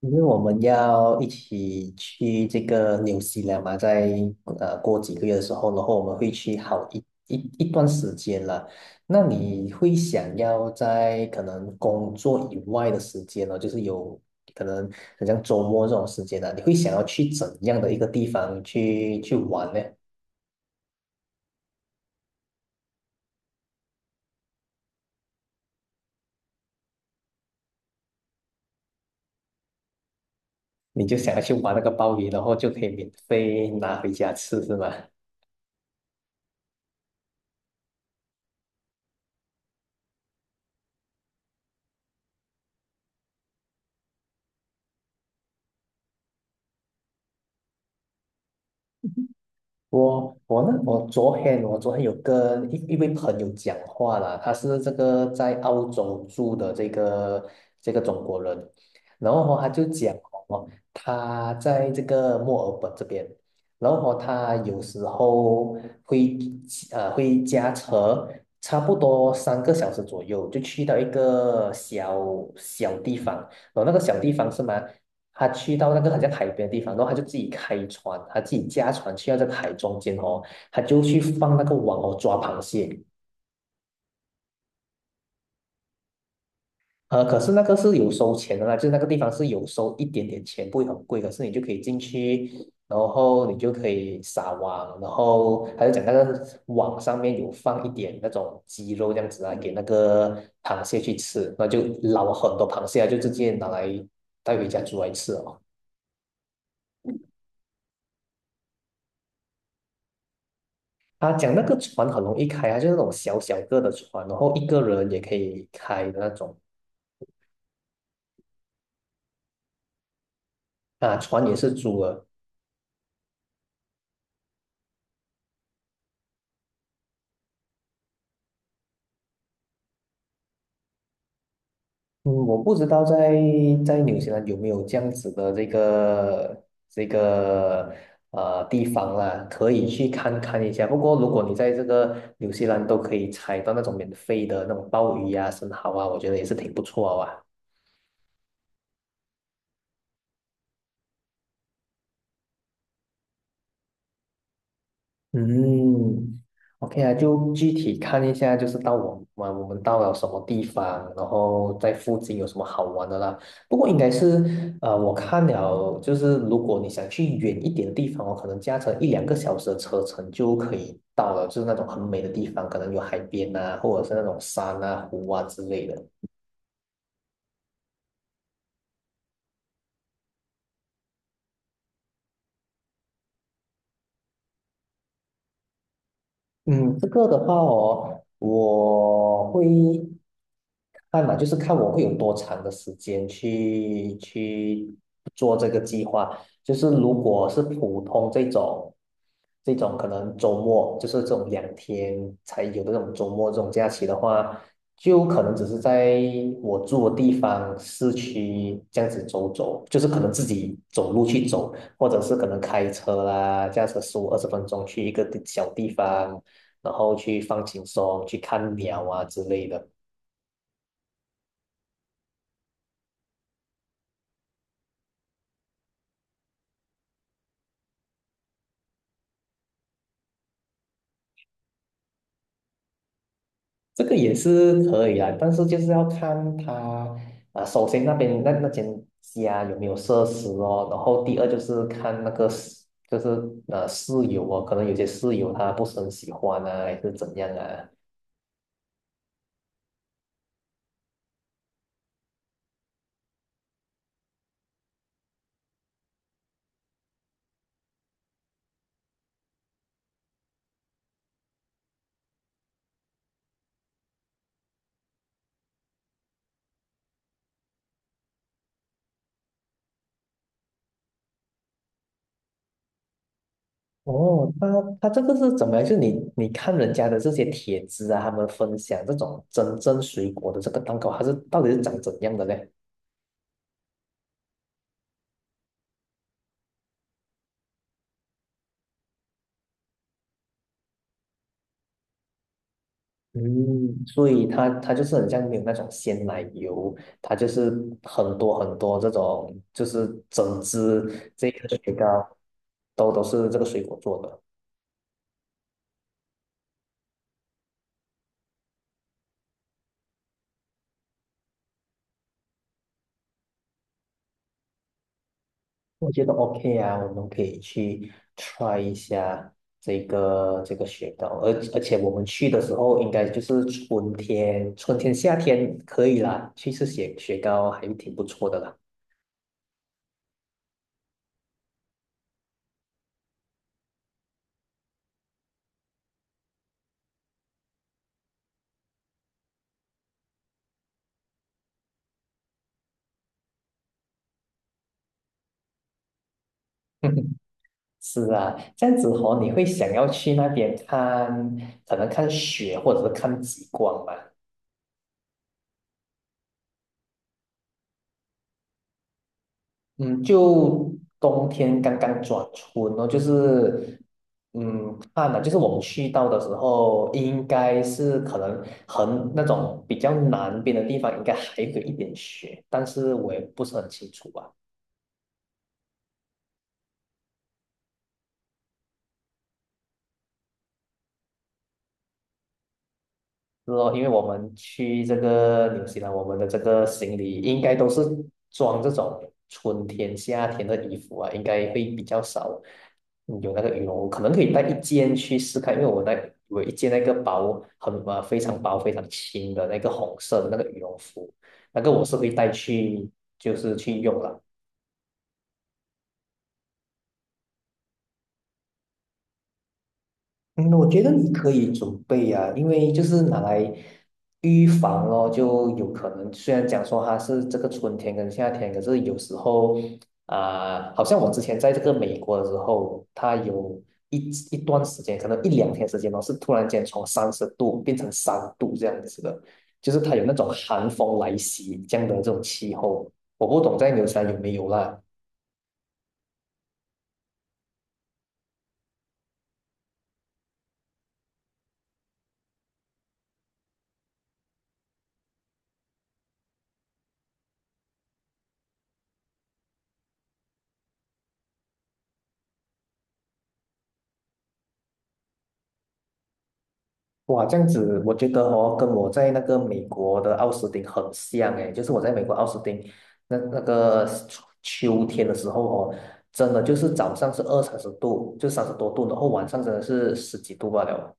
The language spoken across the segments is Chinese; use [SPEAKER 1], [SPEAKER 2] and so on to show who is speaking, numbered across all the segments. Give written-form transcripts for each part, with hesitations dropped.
[SPEAKER 1] 因为我们要一起去这个纽西兰嘛，在过几个月的时候，然后我们会去好一段时间了。那你会想要在可能工作以外的时间呢，就是有可能很像周末这种时间呢、你会想要去怎样的一个地方去玩呢？你就想要去玩那个鲍鱼，然后就可以免费拿回家吃，是吗？我呢，我昨天有跟一位朋友讲话啦，他是这个在澳洲住的这个中国人，然后哦他就讲哦，他在这个墨尔本这边，然后哦他有时候会会驾车，差不多三个小时左右就去到一个小小地方，然后那个小地方是吗？他去到那个好像海边的地方，然后他就自己开船，他自己驾船去到这个海中间哦，他就去放那个网哦抓螃蟹。可是那个是有收钱的啦，就是那个地方是有收一点点钱，不会很贵，可是你就可以进去，然后你就可以撒网，然后他就讲那个网上面有放一点那种鸡肉这样子啊，给那个螃蟹去吃，那就捞很多螃蟹啊，就直接拿来带回家煮来吃哦。他讲那个船很容易开啊，就是那种小小个的船，然后一个人也可以开的那种啊，船也是租的。嗯，我不知道在纽西兰有没有这样子的这个地方啦，可以去看看一下。不过如果你在这个纽西兰都可以采到那种免费的那种鲍鱼啊、生蚝啊，我觉得也是挺不错啊。嗯，OK 啊，就具体看一下，就是到我们到了什么地方，然后在附近有什么好玩的啦。不过应该是，我看了，就是如果你想去远一点的地方哦，可能驾车一两个小时的车程就可以到了，就是那种很美的地方，可能有海边啊，或者是那种山啊、湖啊之类的。嗯，这个的话哦，我会看嘛，就是看我会有多长的时间去做这个计划。就是如果是普通这种可能周末，就是这种两天才有的这种周末这种假期的话，就可能只是在我住的地方市区这样子走走，就是可能自己走路去走。或者是可能开车啦，驾车十五二十分钟去一个小地方，然后去放轻松，去看鸟啊之类的，这个也是可以啊，但是就是要看他啊，首先那边那间家有没有设施哦，然后第二就是看那个室就是呃室友哦，可能有些室友他不是很喜欢啊，还是怎样啊。哦，他这个是怎么样？就是你看人家的这些帖子啊，他们分享这种真正水果的这个蛋糕，它是到底是长怎样的呢？嗯，所以它就是很像没有那种鲜奶油，它就是很多很多这种，就是整只这个雪糕都是这个水果做的。我觉得 OK 啊，我们可以去 try 一下这个雪糕，而且我们去的时候应该就是春天，春天夏天可以啦，去吃雪糕还是挺不错的啦。是啊，这样子哦，你会想要去那边看，可能看雪或者是看极光吧？嗯，就冬天刚刚转春哦，就是看了，就是我们去到的时候，应该是可能很那种比较南边的地方，应该还有一点雪，但是我也不是很清楚吧。是哦，因为我们去这个纽西兰，我们的这个行李应该都是装这种春天、夏天的衣服啊，应该会比较少有那个羽绒我可能可以带一件去试看，因为我一件那个薄很啊非常薄、非常轻的那个红色的那个羽绒服，那个我是会带去就是去用了。嗯，我觉得你可以准备啊，因为就是拿来预防咯，就有可能虽然讲说它是这个春天跟夏天，可是有时候啊、好像我之前在这个美国的时候，它有一段时间，可能一两天时间哦，是突然间从三十度变成3度这样子的，就是它有那种寒风来袭这样的这种气候，我不懂在纽山有没有啦。哇，这样子，我觉得哦，跟我在那个美国的奥斯汀很像诶，就是我在美国奥斯汀那个秋天的时候哦，真的就是早上是二三十度，就三十多度，然后晚上真的是十几度罢了。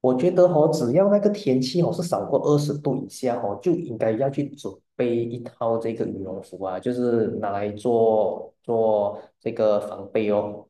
[SPEAKER 1] 我觉得哦，只要那个天气哦是少过20度以下哦，就应该要去准备一套这个羽绒服啊，就是拿来做做这个防备哦。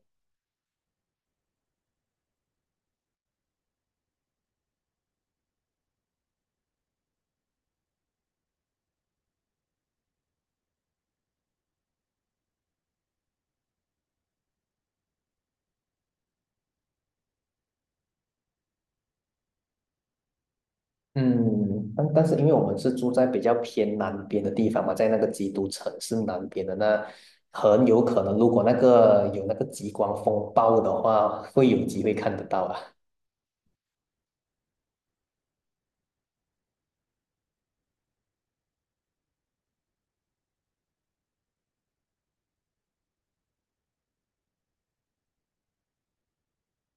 [SPEAKER 1] 嗯，但是因为我们是住在比较偏南边的地方嘛，在那个基督城市南边的那，很有可能如果那个有那个极光风暴的话，会有机会看得到啊。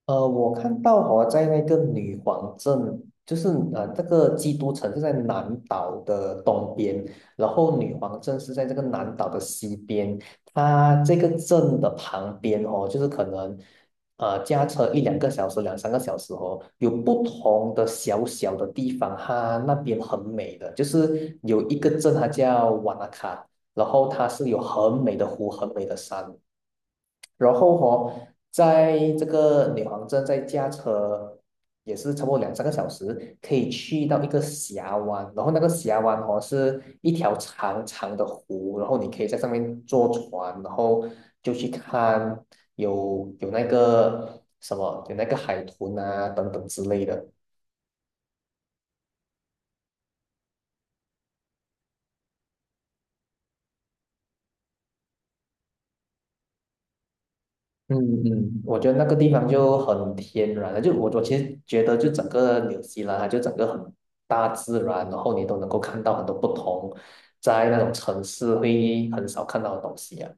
[SPEAKER 1] 我看到好像在那个女皇镇，就是这个基督城是在南岛的东边，然后女皇镇是在这个南岛的西边。它这个镇的旁边哦，就是可能驾车一两个小时、两三个小时哦，有不同的小小的地方，它那边很美的，就是有一个镇它叫瓦纳卡，然后它是有很美的湖、很美的山。然后哦，在这个女皇镇再驾车也是差不多两三个小时，可以去到一个峡湾，然后那个峡湾哦是一条长长的湖，然后你可以在上面坐船，然后就去看有那个什么有那个海豚啊等等之类的。嗯嗯，我觉得那个地方就很天然了，就我其实觉得，就整个纽西兰啊，就整个很大自然，然后你都能够看到很多不同，在那种城市会很少看到的东西啊。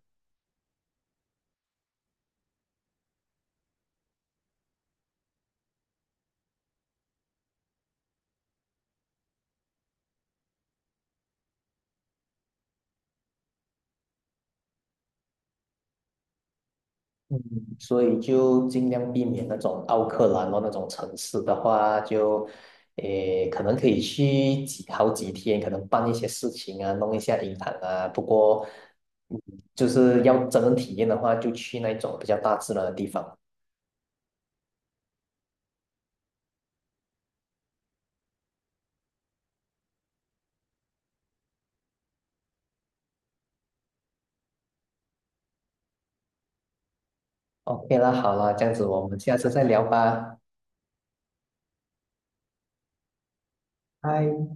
[SPEAKER 1] 嗯，所以就尽量避免那种奥克兰哦那种城市的话，就可能可以去好几天，可能办一些事情啊，弄一下银行啊。不过，嗯，就是要真正体验的话，就去那种比较大自然的地方。OK 了，好了，这样子我们下次再聊吧。嗨，